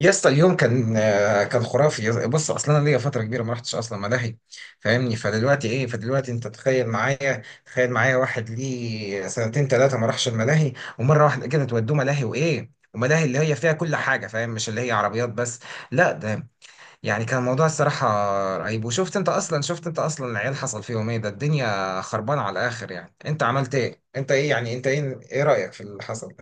يا اسطى اليوم كان كان خرافي بص اصلا انا ليا فتره كبيره ما رحتش اصلا ملاهي. فاهمني؟ فدلوقتي ايه، فدلوقتي انت تخيل معايا، تخيل معايا واحد ليه سنتين ثلاثه ما راحش الملاهي ومره واحده كده تودوه ملاهي وايه وملاهي اللي هي فيها كل حاجه. فاهم؟ مش اللي هي عربيات بس، لا ده يعني كان الموضوع الصراحه رهيب. وشفت انت اصلا، شفت انت اصلا العيال حصل فيهم ايه؟ ده الدنيا خربانه على الاخر. يعني انت عملت ايه؟ انت ايه يعني؟ انت ايه، ايه رايك في اللي حصل؟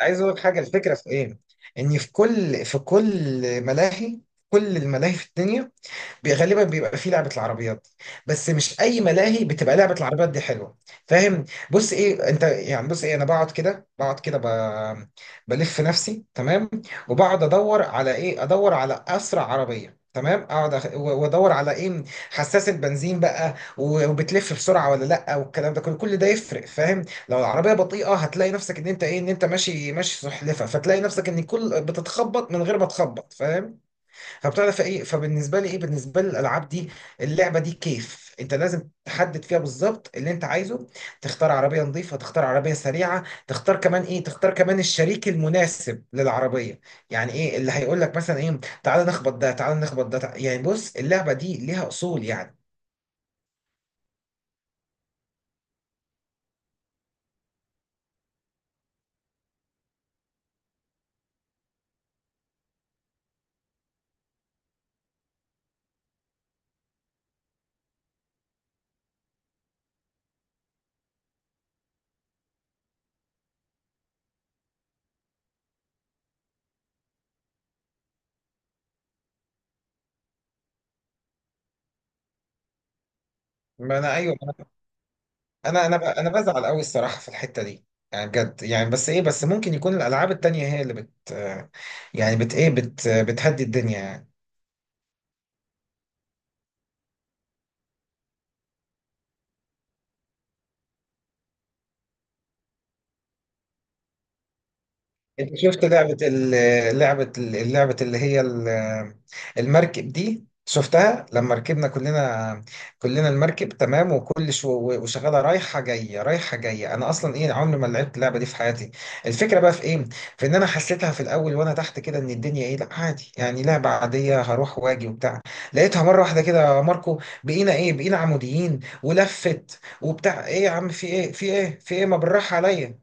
عايز اقول لك حاجه، الفكره في ايه؟ ان في كل ملاهي، كل الملاهي في الدنيا غالبا بيبقى فيه لعبة العربيات دي. بس مش أي ملاهي بتبقى لعبة العربيات دي حلوة. فاهم؟ بص إيه أنت يعني، بص إيه أنا بقعد كده بلف نفسي، تمام؟ وبقعد أدور على إيه، أدور على أسرع عربية، تمام؟ اقعد وادور على ايه، حساس البنزين بقى، وبتلف بسرعه ولا لا، والكلام ده كله، كل ده يفرق. فاهم؟ لو العربيه بطيئه هتلاقي نفسك ان انت ايه، ان انت ماشي ماشي سحلفه، فتلاقي نفسك ان كل بتتخبط من غير ما تخبط. فاهم؟ فبتعرف ايه، فبالنسبه لي ايه، بالنسبه لي الالعاب دي، اللعبه دي كيف انت لازم تحدد فيها بالظبط اللي انت عايزه. تختار عربيه نظيفه، تختار عربيه سريعه، تختار كمان ايه، تختار كمان الشريك المناسب للعربيه. يعني ايه اللي هيقول لك مثلا ايه، تعالى نخبط ده، تعالى نخبط ده، يعني بص اللعبه دي ليها اصول يعني. ما انا ايوه. انا بزعل قوي الصراحه في الحته دي. يعني بجد يعني، بس ايه، بس ممكن يكون الالعاب التانية هي اللي بت، يعني بت ايه، بت بتهدي الدنيا يعني. انت شفت اللعبة اللي هي المركب دي؟ شفتها لما ركبنا كلنا، كلنا المركب، تمام؟ وكل شو، وشغالة رايحة جاية رايحة جاية. انا اصلا ايه، عمري ما لعبت اللعبة دي في حياتي. الفكرة بقى في ايه؟ في ان انا حسيتها في الاول وانا تحت كده ان الدنيا ايه، لا عادي يعني، لعبة عادية هروح واجي وبتاع. لقيتها مرة واحدة كده يا ماركو بقينا ايه، بقينا عموديين ولفت وبتاع ايه، يا عم في ايه في ايه في ايه، ما بالراحة عليا.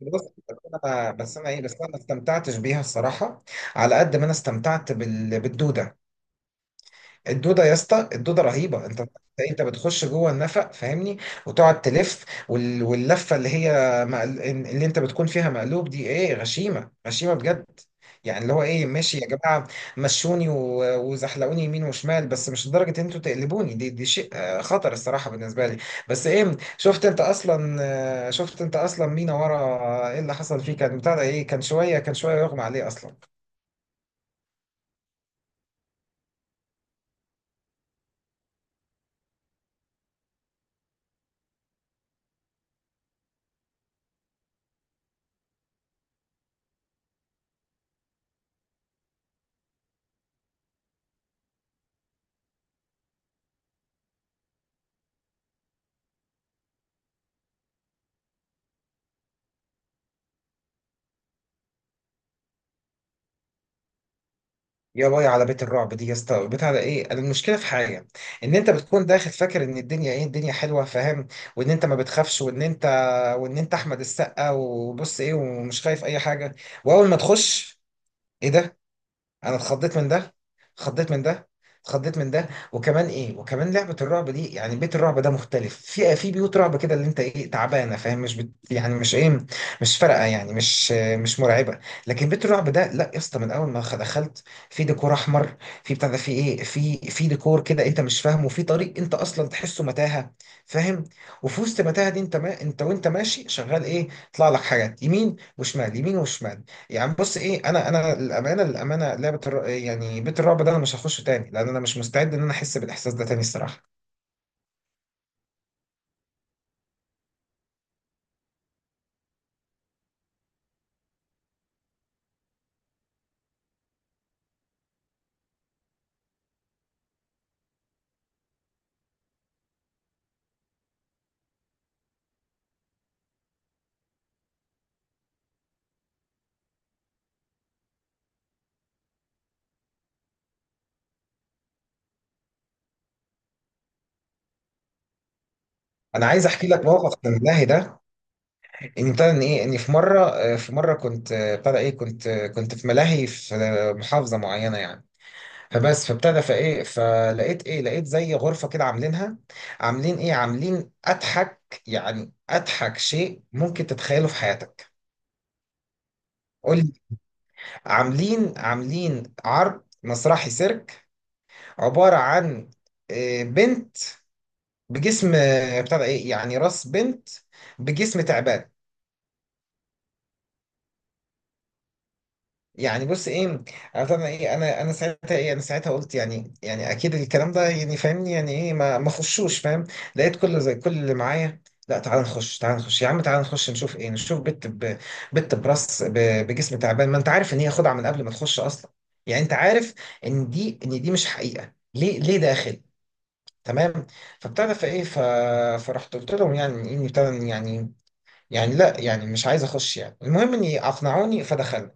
بص، بس انا، بس انا ايه بس انا ما استمتعتش بيها الصراحه. على قد ما انا استمتعت بالدوده. الدوده يا اسطى، الدوده رهيبه. انت انت بتخش جوه النفق، فاهمني؟ وتقعد تلف واللفه اللي هي اللي انت بتكون فيها مقلوب دي، ايه غشيمه، غشيمه بجد. يعني اللي هو ايه، ماشي يا جماعه مشوني و... وزحلقوني يمين وشمال، بس مش لدرجه ان انتوا تقلبوني دي شيء خطر الصراحه بالنسبه لي. بس ايه، شفت انت اصلا، شفت انت اصلا مين ورا؟ ايه اللي حصل فيه؟ كان بتاع ده ايه، كان شويه، كان شويه يغمى عليه اصلا. يا باي على بيت الرعب دي يا اسطى. بيت على ايه المشكله في حاجه، ان انت بتكون داخل فاكر ان الدنيا ايه، الدنيا حلوه، فاهم؟ وان انت ما بتخافش، وان انت، وان انت احمد السقا وبص ايه ومش خايف اي حاجه. واول ما تخش، ايه ده؟ انا اتخضيت من ده، اتخضيت من ده، اتخضيت من ده. وكمان ايه، وكمان لعبه الرعب دي، يعني بيت الرعب ده مختلف في بيوت رعب كده اللي انت ايه تعبانه، فاهم؟ مش بت، يعني مش ايه، مش فارقه يعني، مش مرعبه. لكن بيت الرعب ده لا يا اسطى، من اول ما دخلت، في ديكور احمر، في بتاع ده، في ايه، في ديكور كده انت مش فاهمه، في طريق انت اصلا تحسه متاهه، فاهم؟ وفي وسط المتاهه دي، انت ما انت وانت ماشي شغال ايه، يطلع لك حاجات يمين وشمال، يمين وشمال. يعني بص ايه، انا الامانه، الامانه لعبه يعني بيت الرعب ده، انا مش هخشه تاني، لان انا مش مستعد ان انا احس بالاحساس ده تاني الصراحه. انا عايز احكي لك موقف من الملاهي ده. ان ابتدى ان ايه، ان في مره في مره كنت ابتدى ايه، كنت كنت في ملاهي في محافظه معينه يعني. فبس فابتدى فايه، فلقيت ايه، لقيت زي غرفه كده عاملينها، عاملين ايه، عاملين اضحك يعني، اضحك شيء ممكن تتخيله في حياتك. قول لي. عاملين عرض مسرحي سيرك، عبارة عن بنت بجسم بتاع ده ايه، يعني راس بنت بجسم تعبان. يعني بص ايه، انا طبعا ايه، انا ساعتها ايه، انا ساعتها قلت يعني، يعني اكيد الكلام ده يعني فاهمني، يعني ايه، ما خشوش، فاهم؟ لقيت كل زي كل اللي معايا: لا تعال نخش، تعال نخش يا عم، تعال نخش نشوف ايه، نشوف بنت بنت براس بجسم تعبان. ما انت عارف ان هي خدعة من قبل ما تخش اصلا، يعني انت عارف ان دي مش حقيقة، ليه، ليه داخل؟ تمام. فابتدى فايه فرحت قلت لهم يعني اني ابتدى يعني، يعني لا يعني مش عايز اخش يعني، المهم اني اقنعوني فدخلنا.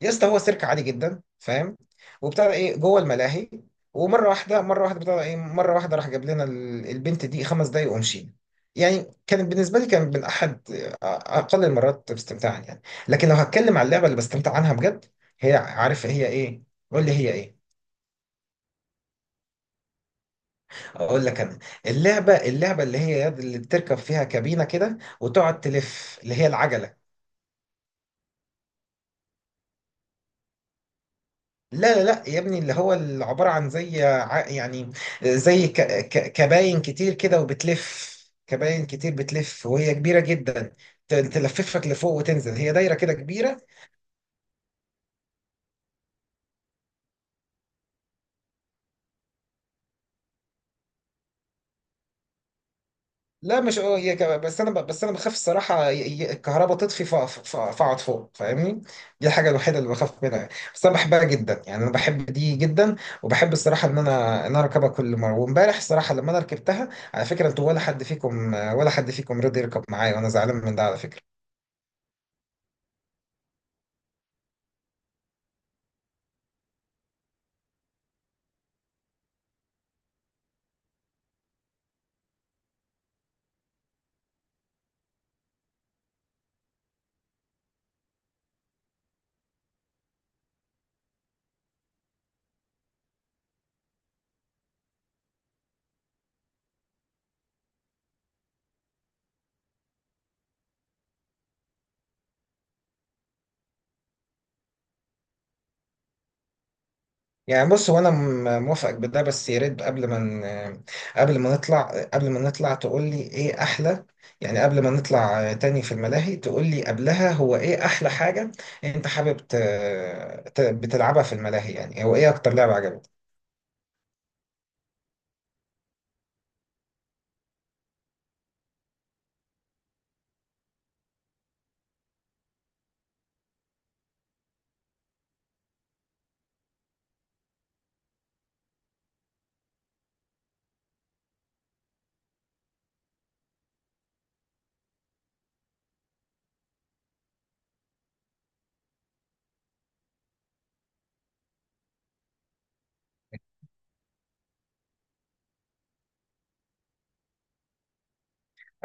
يا اسطى هو سيرك عادي جدا، فاهم؟ وابتدى ايه جوه الملاهي، ومره واحده، مره واحده ابتدى ايه، مره واحده راح جاب لنا البنت دي خمس دقايق ومشينا. يعني كانت بالنسبه لي، كان من احد اقل المرات استمتاعا يعني. لكن لو هتكلم على اللعبه اللي بستمتع عنها بجد، هي عارف هي ايه؟ قول لي هي ايه. اقول لك انا، اللعبه اللي هي يد، اللي بتركب فيها كابينه كده وتقعد تلف، اللي هي العجله. لا يا ابني، اللي هو اللي عباره عن زي يعني زي كباين كتير كده وبتلف. كباين كتير بتلف وهي كبيره جدا، تلففك لفوق وتنزل، هي دايره كده كبيره. لا مش اه، هي كمان بس انا بس انا بخاف الصراحه الكهرباء تطفي فاقعد فوق، فاهمني؟ دي الحاجه الوحيده اللي بخاف منها يعني. بس انا بحبها جدا يعني، انا بحب دي جدا. وبحب الصراحه ان انا، ان انا اركبها كل مره. وامبارح الصراحه لما انا ركبتها، على فكره انتوا، ولا حد فيكم، ولا حد فيكم رضي يركب معايا، وانا زعلان من ده على فكره. يعني بص هو انا موافقك بده، بس يا ريت قبل ما قبل ما نطلع، تقول لي ايه احلى. يعني قبل ما نطلع تاني في الملاهي تقول لي قبلها هو ايه احلى حاجة انت حابب بتلعبها في الملاهي. يعني هو ايه اكتر لعبة عجبتك؟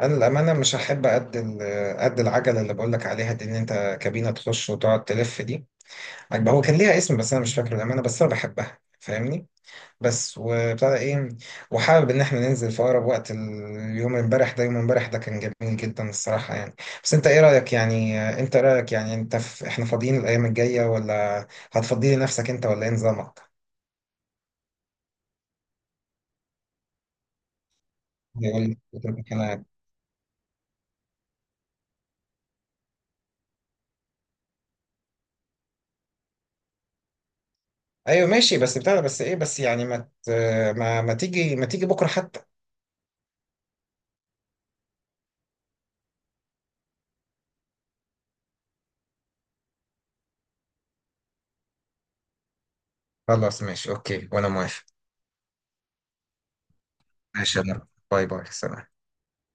انا الامانة مش هحب قد قد العجلة اللي بقول لك عليها دي، ان انت كابينة تخش وتقعد تلف دي، عجبها. هو كان ليها اسم بس انا مش فاكر الامانة، بس انا بحبها، فاهمني؟ بس وابتدى ايه، وحابب ان احنا ننزل في اقرب وقت. اليوم امبارح ده، يوم امبارح ده كان جميل جدا الصراحه يعني. بس انت ايه رايك يعني، انت إيه رايك يعني، انت في، احنا فاضيين الايام الجايه ولا هتفضي لنفسك انت، ولا ايه نظامك؟ يقول لي بتروح هنا. ايوه ماشي، بس بتاع ده، بس ايه بس يعني ما ما تيجي، ما تيجي بكره حتى. خلاص ماشي اوكي، وانا موافق. ماشي يا مروة. باي باي، سلام.